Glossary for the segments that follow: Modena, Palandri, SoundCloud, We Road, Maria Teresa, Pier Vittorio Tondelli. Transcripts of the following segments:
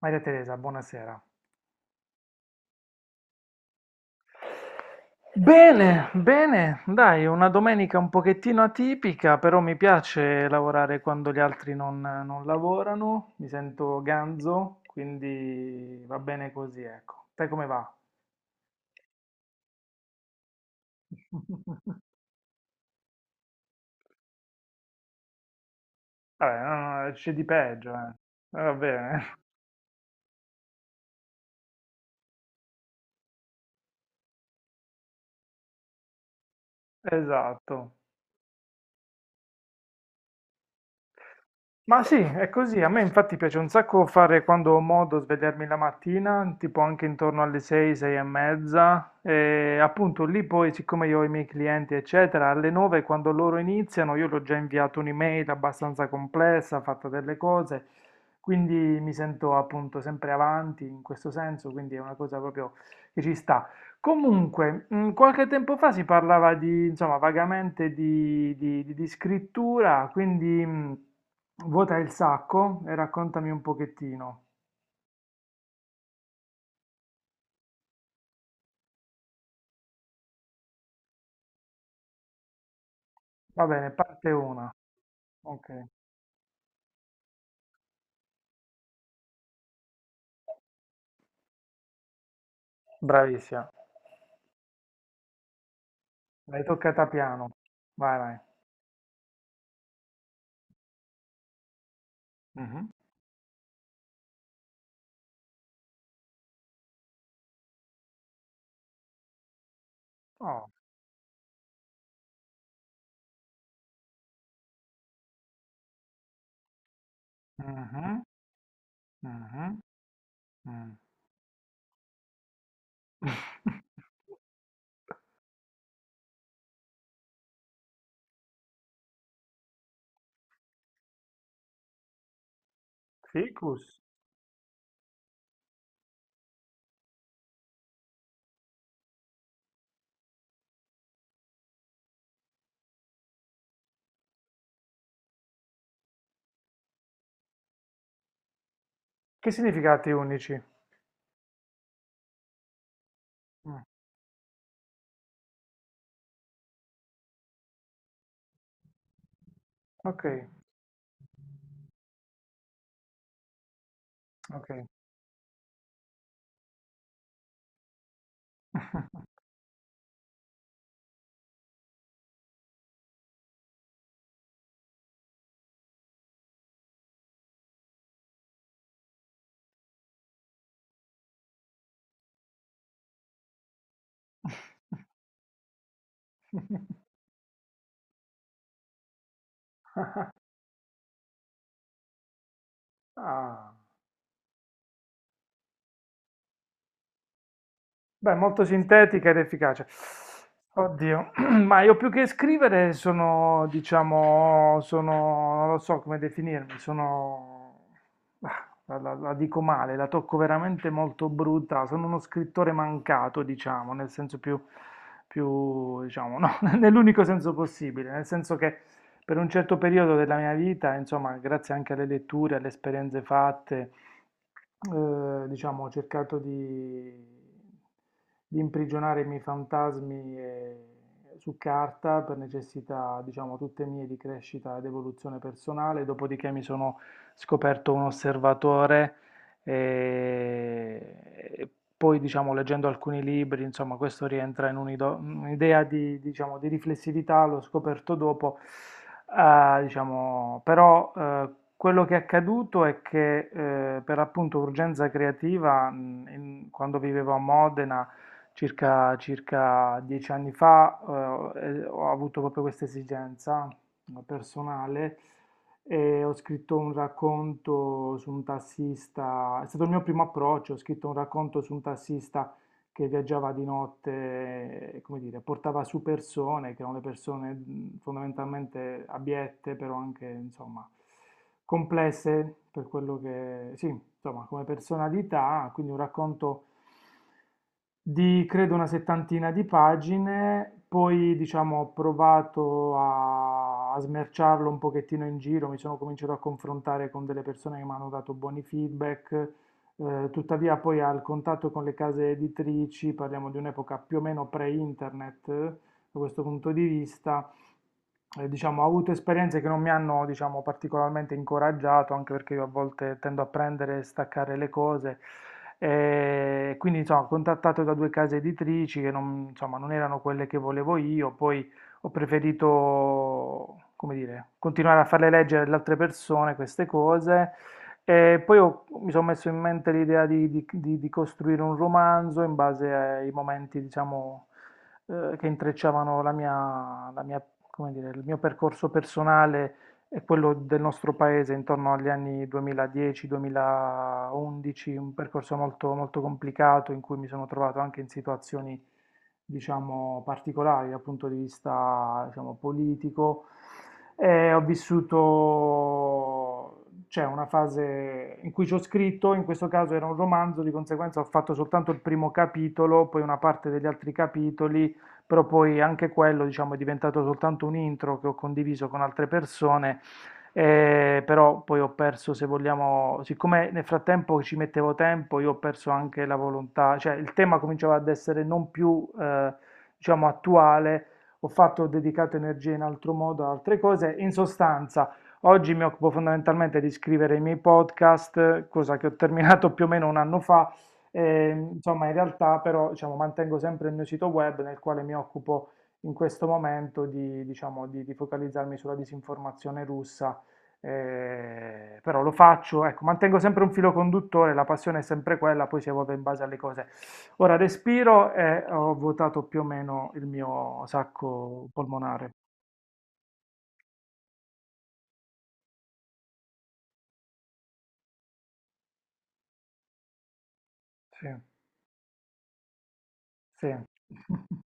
Maria Teresa, buonasera. Bene, bene, dai, una domenica un pochettino atipica, però mi piace lavorare quando gli altri non lavorano, mi sento ganzo, quindi va bene così, ecco. Te come va? Vabbè, no, no, c'è di peggio, eh. Va bene, esatto. Ma sì, è così. A me infatti piace un sacco fare quando ho modo svegliarmi la mattina, tipo anche intorno alle 6, 6 e mezza. E appunto lì poi, siccome io ho i miei clienti, eccetera, alle 9 quando loro iniziano, io l'ho già inviato un'email abbastanza complessa, fatta delle cose, quindi mi sento appunto sempre avanti in questo senso, quindi è una cosa proprio che ci sta. Comunque, qualche tempo fa si parlava di, insomma, vagamente di scrittura, quindi vuota il sacco e raccontami un pochettino. Va bene, parte una. Ok, bravissima. L'hai toccata piano. Vai, vai. Mhm. Oh. Mhm, mhm, mm. Ficus. Che significati unici? Mm. Ok, ok. Ah. Beh, molto sintetica ed efficace. Oddio, ma io più che scrivere sono, diciamo, sono, non lo so come definirmi, sono, ah, la dico male, la tocco veramente molto brutta, sono uno scrittore mancato, diciamo, nel senso più, più, diciamo, no, nell'unico senso possibile, nel senso che per un certo periodo della mia vita, insomma, grazie anche alle letture, alle esperienze fatte, diciamo, ho cercato di imprigionare i miei fantasmi su carta per necessità, diciamo, tutte mie di crescita ed evoluzione personale, dopodiché mi sono scoperto un osservatore e poi, diciamo, leggendo alcuni libri, insomma, questo rientra in un'idea di, diciamo, di riflessività, l'ho scoperto dopo. Ah, diciamo, però quello che è accaduto è che per appunto urgenza creativa, quando vivevo a Modena circa 10 anni fa, ho avuto proprio questa esigenza personale e ho scritto un racconto su un tassista, è stato il mio primo approccio, ho scritto un racconto su un tassista che viaggiava di notte, e, come dire, portava su persone, che erano le persone fondamentalmente abiette, però anche, insomma, complesse per quello che, sì, insomma, come personalità, quindi un racconto di credo una settantina di pagine, poi diciamo ho provato a smerciarlo un pochettino in giro, mi sono cominciato a confrontare con delle persone che mi hanno dato buoni feedback, tuttavia poi al contatto con le case editrici, parliamo di un'epoca più o meno pre-internet da questo punto di vista, diciamo, ho avuto esperienze che non mi hanno, diciamo, particolarmente incoraggiato, anche perché io a volte tendo a prendere e staccare le cose. E quindi, insomma, ho contattato da due case editrici che non, insomma, non erano quelle che volevo io, poi ho preferito, come dire, continuare a farle leggere ad altre persone queste cose. E poi mi sono messo in mente l'idea di costruire un romanzo in base ai momenti, diciamo che intrecciavano la mia come dire, il mio percorso personale e quello del nostro paese intorno agli anni 2010, 2011, un percorso molto, molto complicato in cui mi sono trovato anche in situazioni, diciamo, particolari dal punto di vista, diciamo, politico. E ho vissuto cioè una fase in cui ci ho scritto, in questo caso era un romanzo, di conseguenza ho fatto soltanto il primo capitolo, poi una parte degli altri capitoli, però poi anche quello, diciamo, è diventato soltanto un intro che ho condiviso con altre persone, però poi ho perso, se vogliamo, siccome nel frattempo ci mettevo tempo, io ho perso anche la volontà, cioè il tema cominciava ad essere non più, diciamo, attuale, ho fatto, ho dedicato energie in altro modo a altre cose, in sostanza... Oggi mi occupo fondamentalmente di scrivere i miei podcast, cosa che ho terminato più o meno un anno fa, e, insomma, in realtà però diciamo, mantengo sempre il mio sito web nel quale mi occupo in questo momento di, diciamo, di- di- focalizzarmi sulla disinformazione russa, però lo faccio, ecco, mantengo sempre un filo conduttore, la passione è sempre quella, poi si evolve in base alle cose. Ora respiro e ho votato più o meno il mio sacco polmonare. Sì, sì.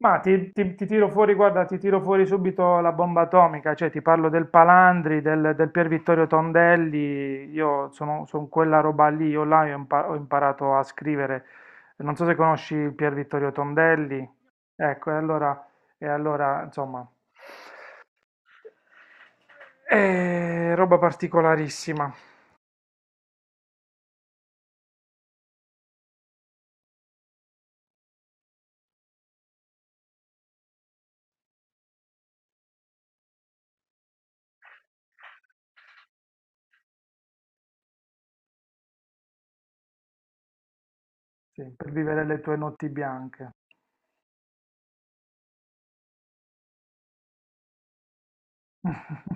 Ma ti tiro fuori, guarda, ti tiro fuori subito la bomba atomica, cioè ti parlo del Palandri, del Pier Vittorio Tondelli, io sono, son quella roba lì, io là ho imparato a scrivere, non so se conosci il Pier Vittorio Tondelli, ecco, e allora insomma, è roba particolarissima, sì, per vivere le tue notti bianche.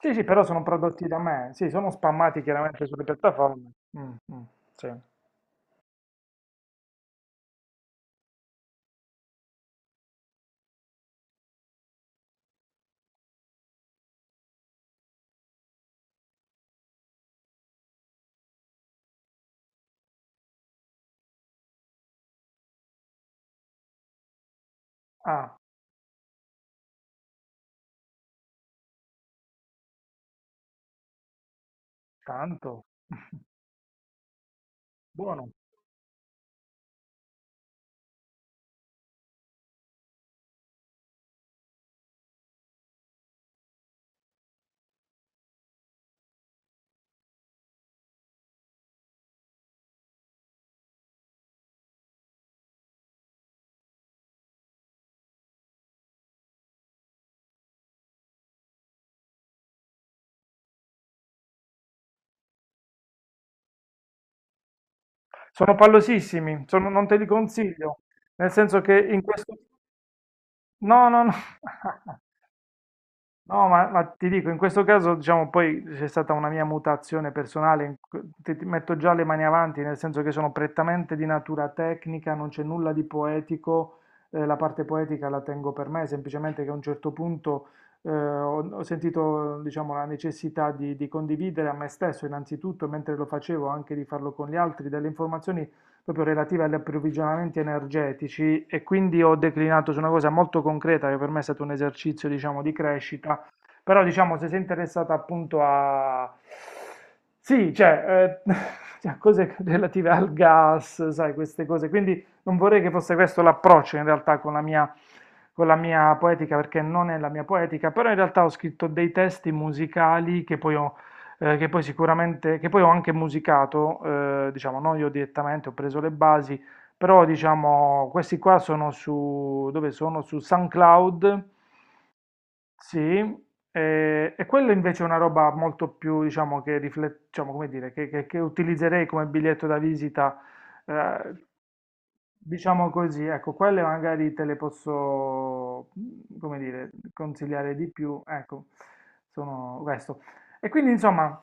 Sì, sì, però sono prodotti da me, sì, sono spammati chiaramente sulle piattaforme. Mm, mm, sì. Ah. Tanto, buono. Sono pallosissimi, non te li consiglio, nel senso che in questo... No, no, no. No, ma ti dico, in questo caso, diciamo, poi c'è stata una mia mutazione personale, ti metto già le mani avanti, nel senso che sono prettamente di natura tecnica, non c'è nulla di poetico, la parte poetica la tengo per me, semplicemente che a un certo punto ho sentito, diciamo, la necessità di condividere a me stesso, innanzitutto, e mentre lo facevo, anche di farlo con gli altri, delle informazioni proprio relative agli approvvigionamenti energetici e quindi ho declinato su una cosa molto concreta che per me è stato un esercizio, diciamo, di crescita, però diciamo se sei interessato appunto a... Sì, cioè, cioè, cose relative al gas, sai, queste cose. Quindi non vorrei che fosse questo l'approccio in realtà con la mia poetica, perché non è la mia poetica, però in realtà ho scritto dei testi musicali che poi ho, che poi sicuramente, che poi ho anche musicato, diciamo, non io direttamente, ho preso le basi, però diciamo, questi qua sono su, dove sono? Su SoundCloud, sì, e quello invece è una roba molto più, diciamo, che, diciamo, come dire, che, che utilizzerei come biglietto da visita, eh, diciamo così, ecco, quelle magari te le posso, come dire, consigliare di più, ecco, sono questo. E quindi, insomma,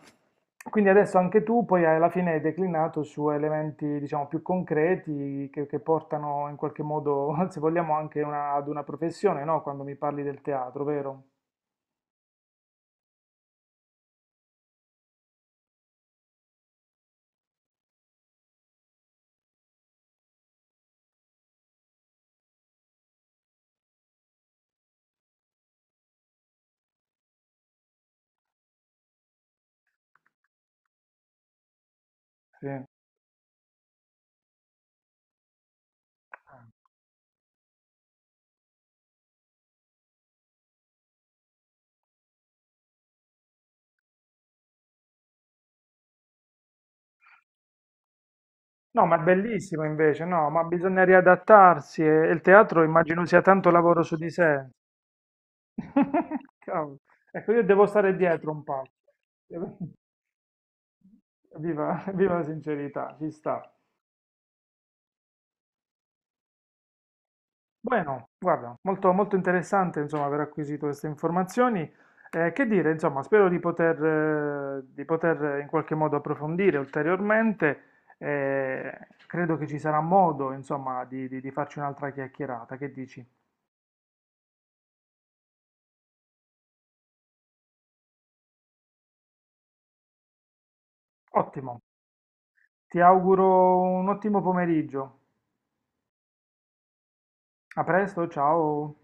quindi adesso anche tu poi alla fine hai declinato su elementi, diciamo, più concreti che, portano in qualche modo, se vogliamo, anche ad una professione, no? Quando mi parli del teatro, vero? Sì. No, ma è bellissimo invece, no, ma bisogna riadattarsi e il teatro immagino sia tanto lavoro su di sé. Cavolo. Ecco, io devo stare dietro un po'. Devo- Viva, viva la sincerità, ci sta. Bueno, guarda, molto, molto interessante insomma aver acquisito queste informazioni. Che dire, insomma, spero di poter in qualche modo approfondire ulteriormente. eh, Credo che ci sarà modo, insomma, di di farci un'altra chiacchierata. Che dici? Ottimo, ti auguro un ottimo pomeriggio. A presto, ciao.